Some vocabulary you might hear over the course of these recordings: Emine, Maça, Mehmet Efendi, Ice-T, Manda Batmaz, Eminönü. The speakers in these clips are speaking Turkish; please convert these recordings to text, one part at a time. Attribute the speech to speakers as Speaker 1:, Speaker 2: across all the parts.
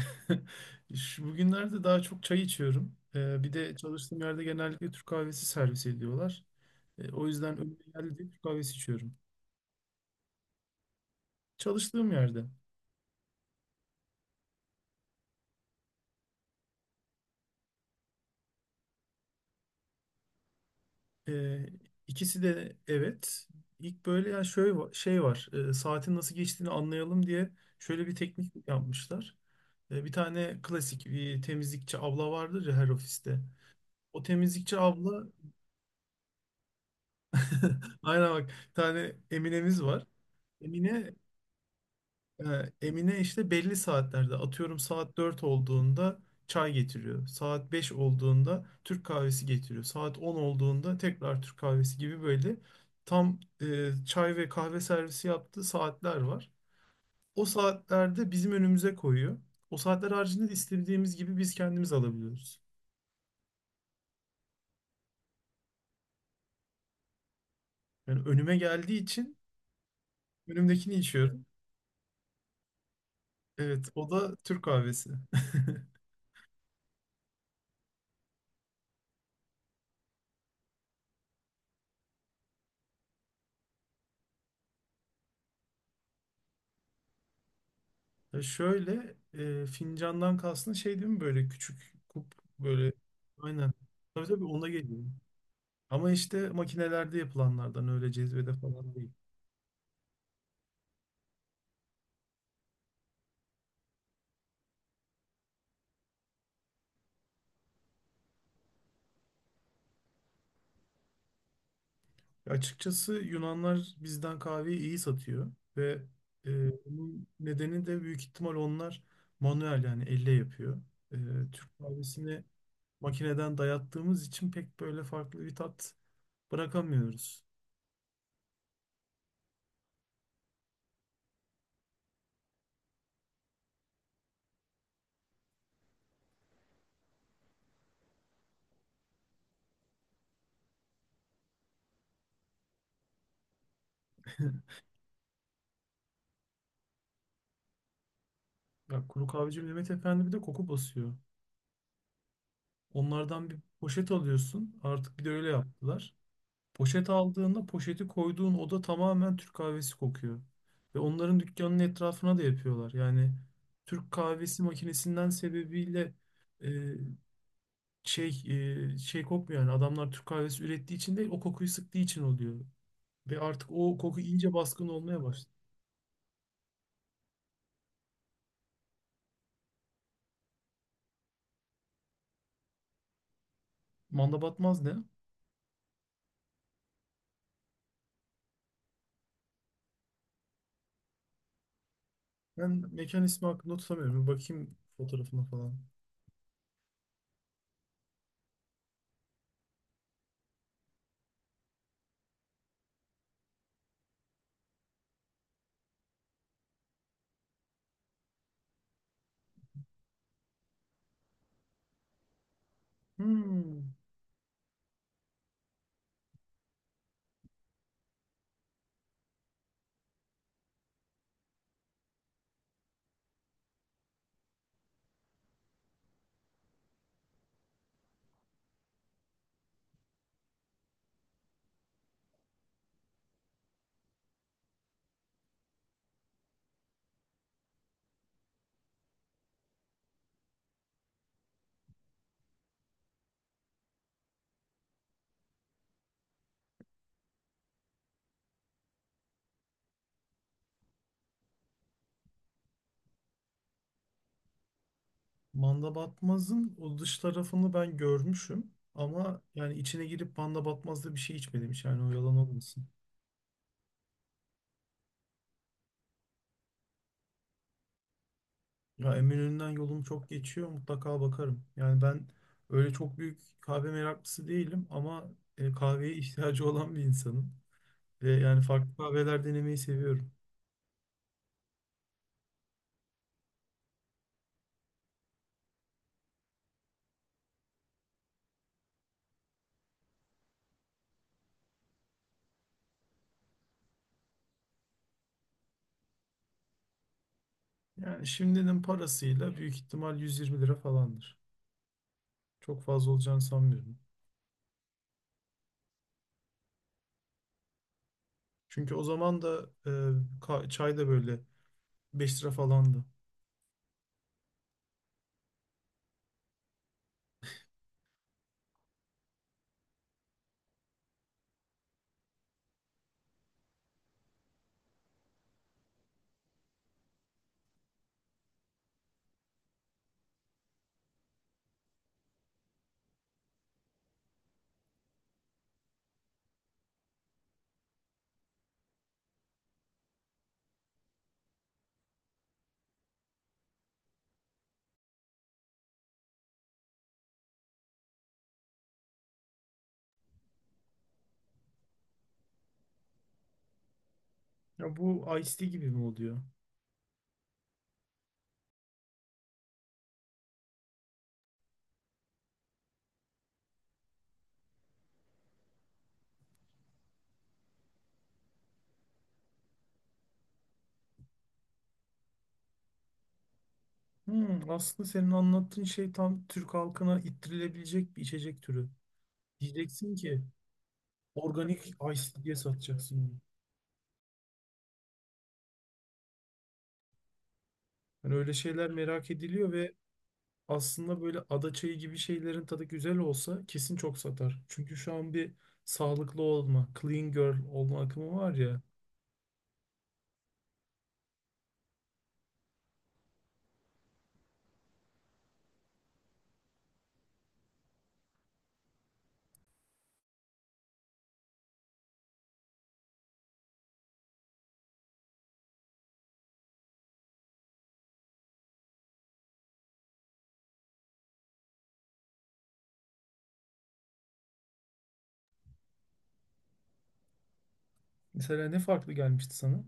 Speaker 1: Şu bugünlerde daha çok çay içiyorum. Bir de çalıştığım yerde genellikle Türk kahvesi servis ediyorlar. O yüzden önüme geldi, Türk kahvesi içiyorum. Çalıştığım yerde. Ee, ikisi de, evet. İlk böyle, ya şöyle şey var. Saatin nasıl geçtiğini anlayalım diye şöyle bir teknik yapmışlar. Bir tane klasik bir temizlikçi abla vardır ya her ofiste. O temizlikçi abla aynen bak, bir tane Emine'miz var. Emine Emine işte belli saatlerde, atıyorum saat 4 olduğunda çay getiriyor. Saat 5 olduğunda Türk kahvesi getiriyor. Saat 10 olduğunda tekrar Türk kahvesi gibi, böyle tam çay ve kahve servisi yaptığı saatler var. O saatlerde bizim önümüze koyuyor. O saatler haricinde de istediğimiz gibi biz kendimiz alabiliyoruz. Yani önüme geldiği için önümdekini içiyorum. Evet, o da Türk kahvesi. Ya şöyle, fincandan kastın şey değil mi, böyle küçük kup, böyle, aynen. Tabii tabii ona geliyor. Ama işte makinelerde yapılanlardan, öyle cezvede falan değil. Açıkçası Yunanlar bizden kahveyi iyi satıyor ve bunun nedeni de büyük ihtimal onlar manuel, yani elle yapıyor. E, Türk kahvesini makineden dayattığımız için pek böyle farklı bir tat bırakamıyoruz. Bak, kuru kahveci Mehmet Efendi bir de koku basıyor. Onlardan bir poşet alıyorsun. Artık bir de öyle yaptılar. Poşet aldığında poşeti koyduğun oda tamamen Türk kahvesi kokuyor. Ve onların dükkanının etrafına da yapıyorlar. Yani Türk kahvesi makinesinden sebebiyle e, şey şey kokmuyor yani. Adamlar Türk kahvesi ürettiği için değil, o kokuyu sıktığı için oluyor. Ve artık o koku iyice baskın olmaya başladı. Manda batmaz ne? Ben mekan ismi hakkında tutamıyorum. Bir bakayım fotoğrafına falan. Hmm. Manda Batmaz'ın o dış tarafını ben görmüşüm. Ama yani içine girip Manda Batmaz'da bir şey içmedim hiç. Yani o yalan olmasın. Ya Eminönü'nden yolum çok geçiyor. Mutlaka bakarım. Yani ben öyle çok büyük kahve meraklısı değilim. Ama kahveye ihtiyacı olan bir insanım. Ve yani farklı kahveler denemeyi seviyorum. Yani şimdinin parasıyla büyük ihtimal 120 lira falandır. Çok fazla olacağını sanmıyorum. Çünkü o zaman da çay da böyle 5 lira falandı. Ya bu Ice-T gibi mi oluyor? Hmm, aslında senin anlattığın şey tam Türk halkına ittirilebilecek bir içecek türü. Diyeceksin ki organik Ice-T diye satacaksın bunu. Hani öyle şeyler merak ediliyor ve aslında böyle ada çayı gibi şeylerin tadı güzel olsa kesin çok satar. Çünkü şu an bir sağlıklı olma, clean girl olma akımı var ya. Mesela ne farklı gelmişti sana?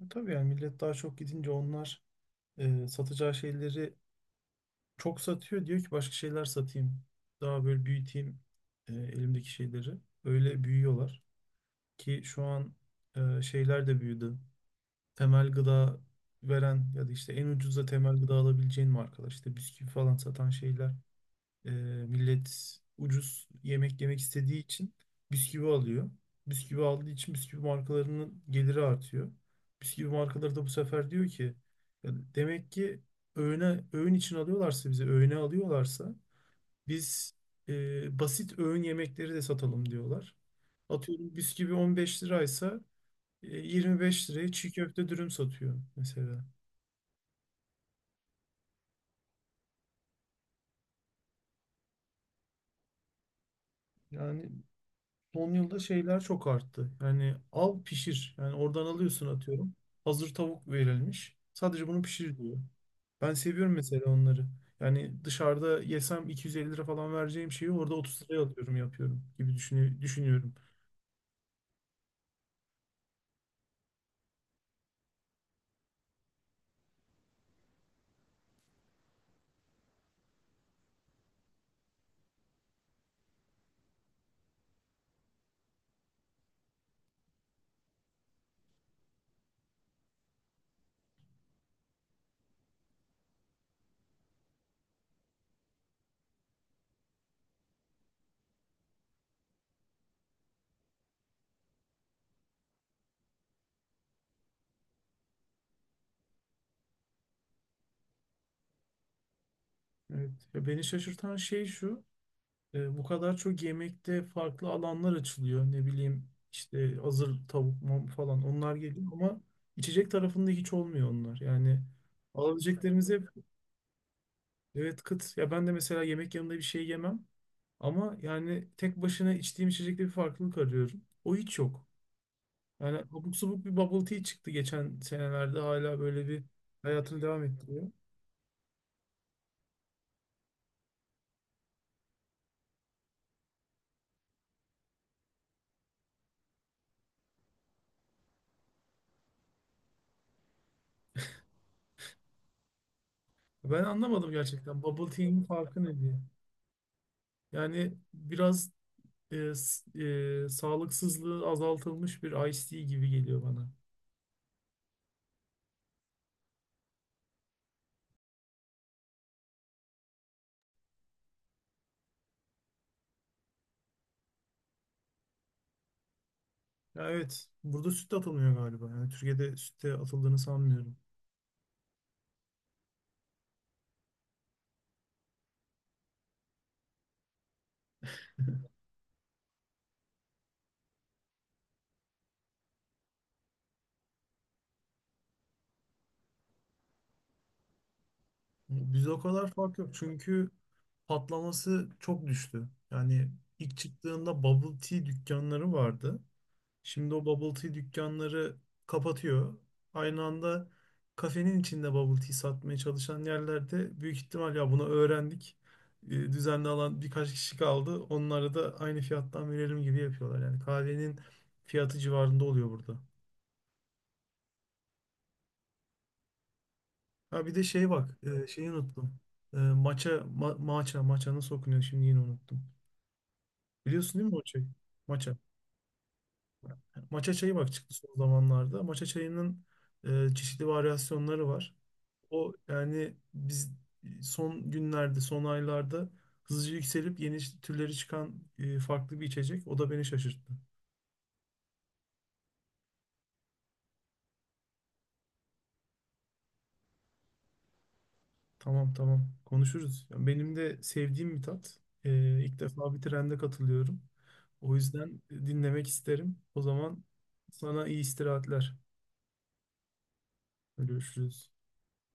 Speaker 1: E, tabii yani millet daha çok gidince onlar satacağı şeyleri çok satıyor. Diyor ki başka şeyler satayım. Daha böyle büyüteyim elimdeki şeyleri. Öyle büyüyorlar ki şu an şeyler de büyüdü. Temel gıda veren ya da işte en ucuza temel gıda alabileceğin markalar, işte bisküvi falan satan şeyler. E, Millet ucuz yemek yemek istediği için bisküvi alıyor. Bisküvi aldığı için bisküvi markalarının geliri artıyor. Bisküvi markaları da bu sefer diyor ki, "Ya demek ki öğün için alıyorlarsa, bizi öğüne alıyorlarsa biz basit öğün yemekleri de satalım," diyorlar. Atıyorum bisküvi 15 liraysa 25 liraya çiğ köfte dürüm satıyor mesela. Yani son yılda şeyler çok arttı. Yani al pişir. Yani oradan alıyorsun, atıyorum. Hazır tavuk verilmiş. Sadece bunu pişir diyor. Ben seviyorum mesela onları. Yani dışarıda yesem 250 lira falan vereceğim şeyi orada 30 liraya alıyorum yapıyorum gibi düşünüyorum. Evet. Ya beni şaşırtan şey şu. Bu kadar çok yemekte farklı alanlar açılıyor. Ne bileyim işte hazır tavuk mam falan onlar geliyor ama içecek tarafında hiç olmuyor onlar. Yani alabileceklerimiz hep, evet, kıt. Ya ben de mesela yemek yanında bir şey yemem ama yani tek başına içtiğim içecekte bir farklılık arıyorum. O hiç yok. Yani abuk subuk bir bubble tea çıktı geçen senelerde, hala böyle bir hayatını devam ettiriyor. Ben anlamadım gerçekten bubble tea'nin farkı ne diye. Yani biraz e, s- sağlıksızlığı azaltılmış bir iced tea gibi geliyor bana. Ya evet, burada süt de atılmıyor galiba. Yani Türkiye'de sütte atıldığını sanmıyorum. Bizde o kadar fark yok çünkü patlaması çok düştü. Yani ilk çıktığında bubble tea dükkanları vardı. Şimdi o bubble tea dükkanları kapatıyor. Aynı anda kafenin içinde bubble tea satmaya çalışan yerlerde büyük ihtimal ya bunu öğrendik. Düzenli alan birkaç kişi kaldı. Onlara da aynı fiyattan verelim gibi yapıyorlar. Yani kahvenin fiyatı civarında oluyor burada. Ha bir de şey bak, şeyi unuttum. Maça, maça nasıl okunuyor şimdi, yine unuttum. Biliyorsun değil mi o çayı? Maça. Maça çayı bak çıktı son zamanlarda. Maça çayının çeşitli varyasyonları var. O yani biz son günlerde, son aylarda hızlıca yükselip yeni türleri çıkan farklı bir içecek. O da beni şaşırttı. Tamam tamam, konuşuruz. Yani benim de sevdiğim bir tat. E, ilk defa bir trende katılıyorum. O yüzden dinlemek isterim. O zaman sana iyi istirahatler. Görüşürüz.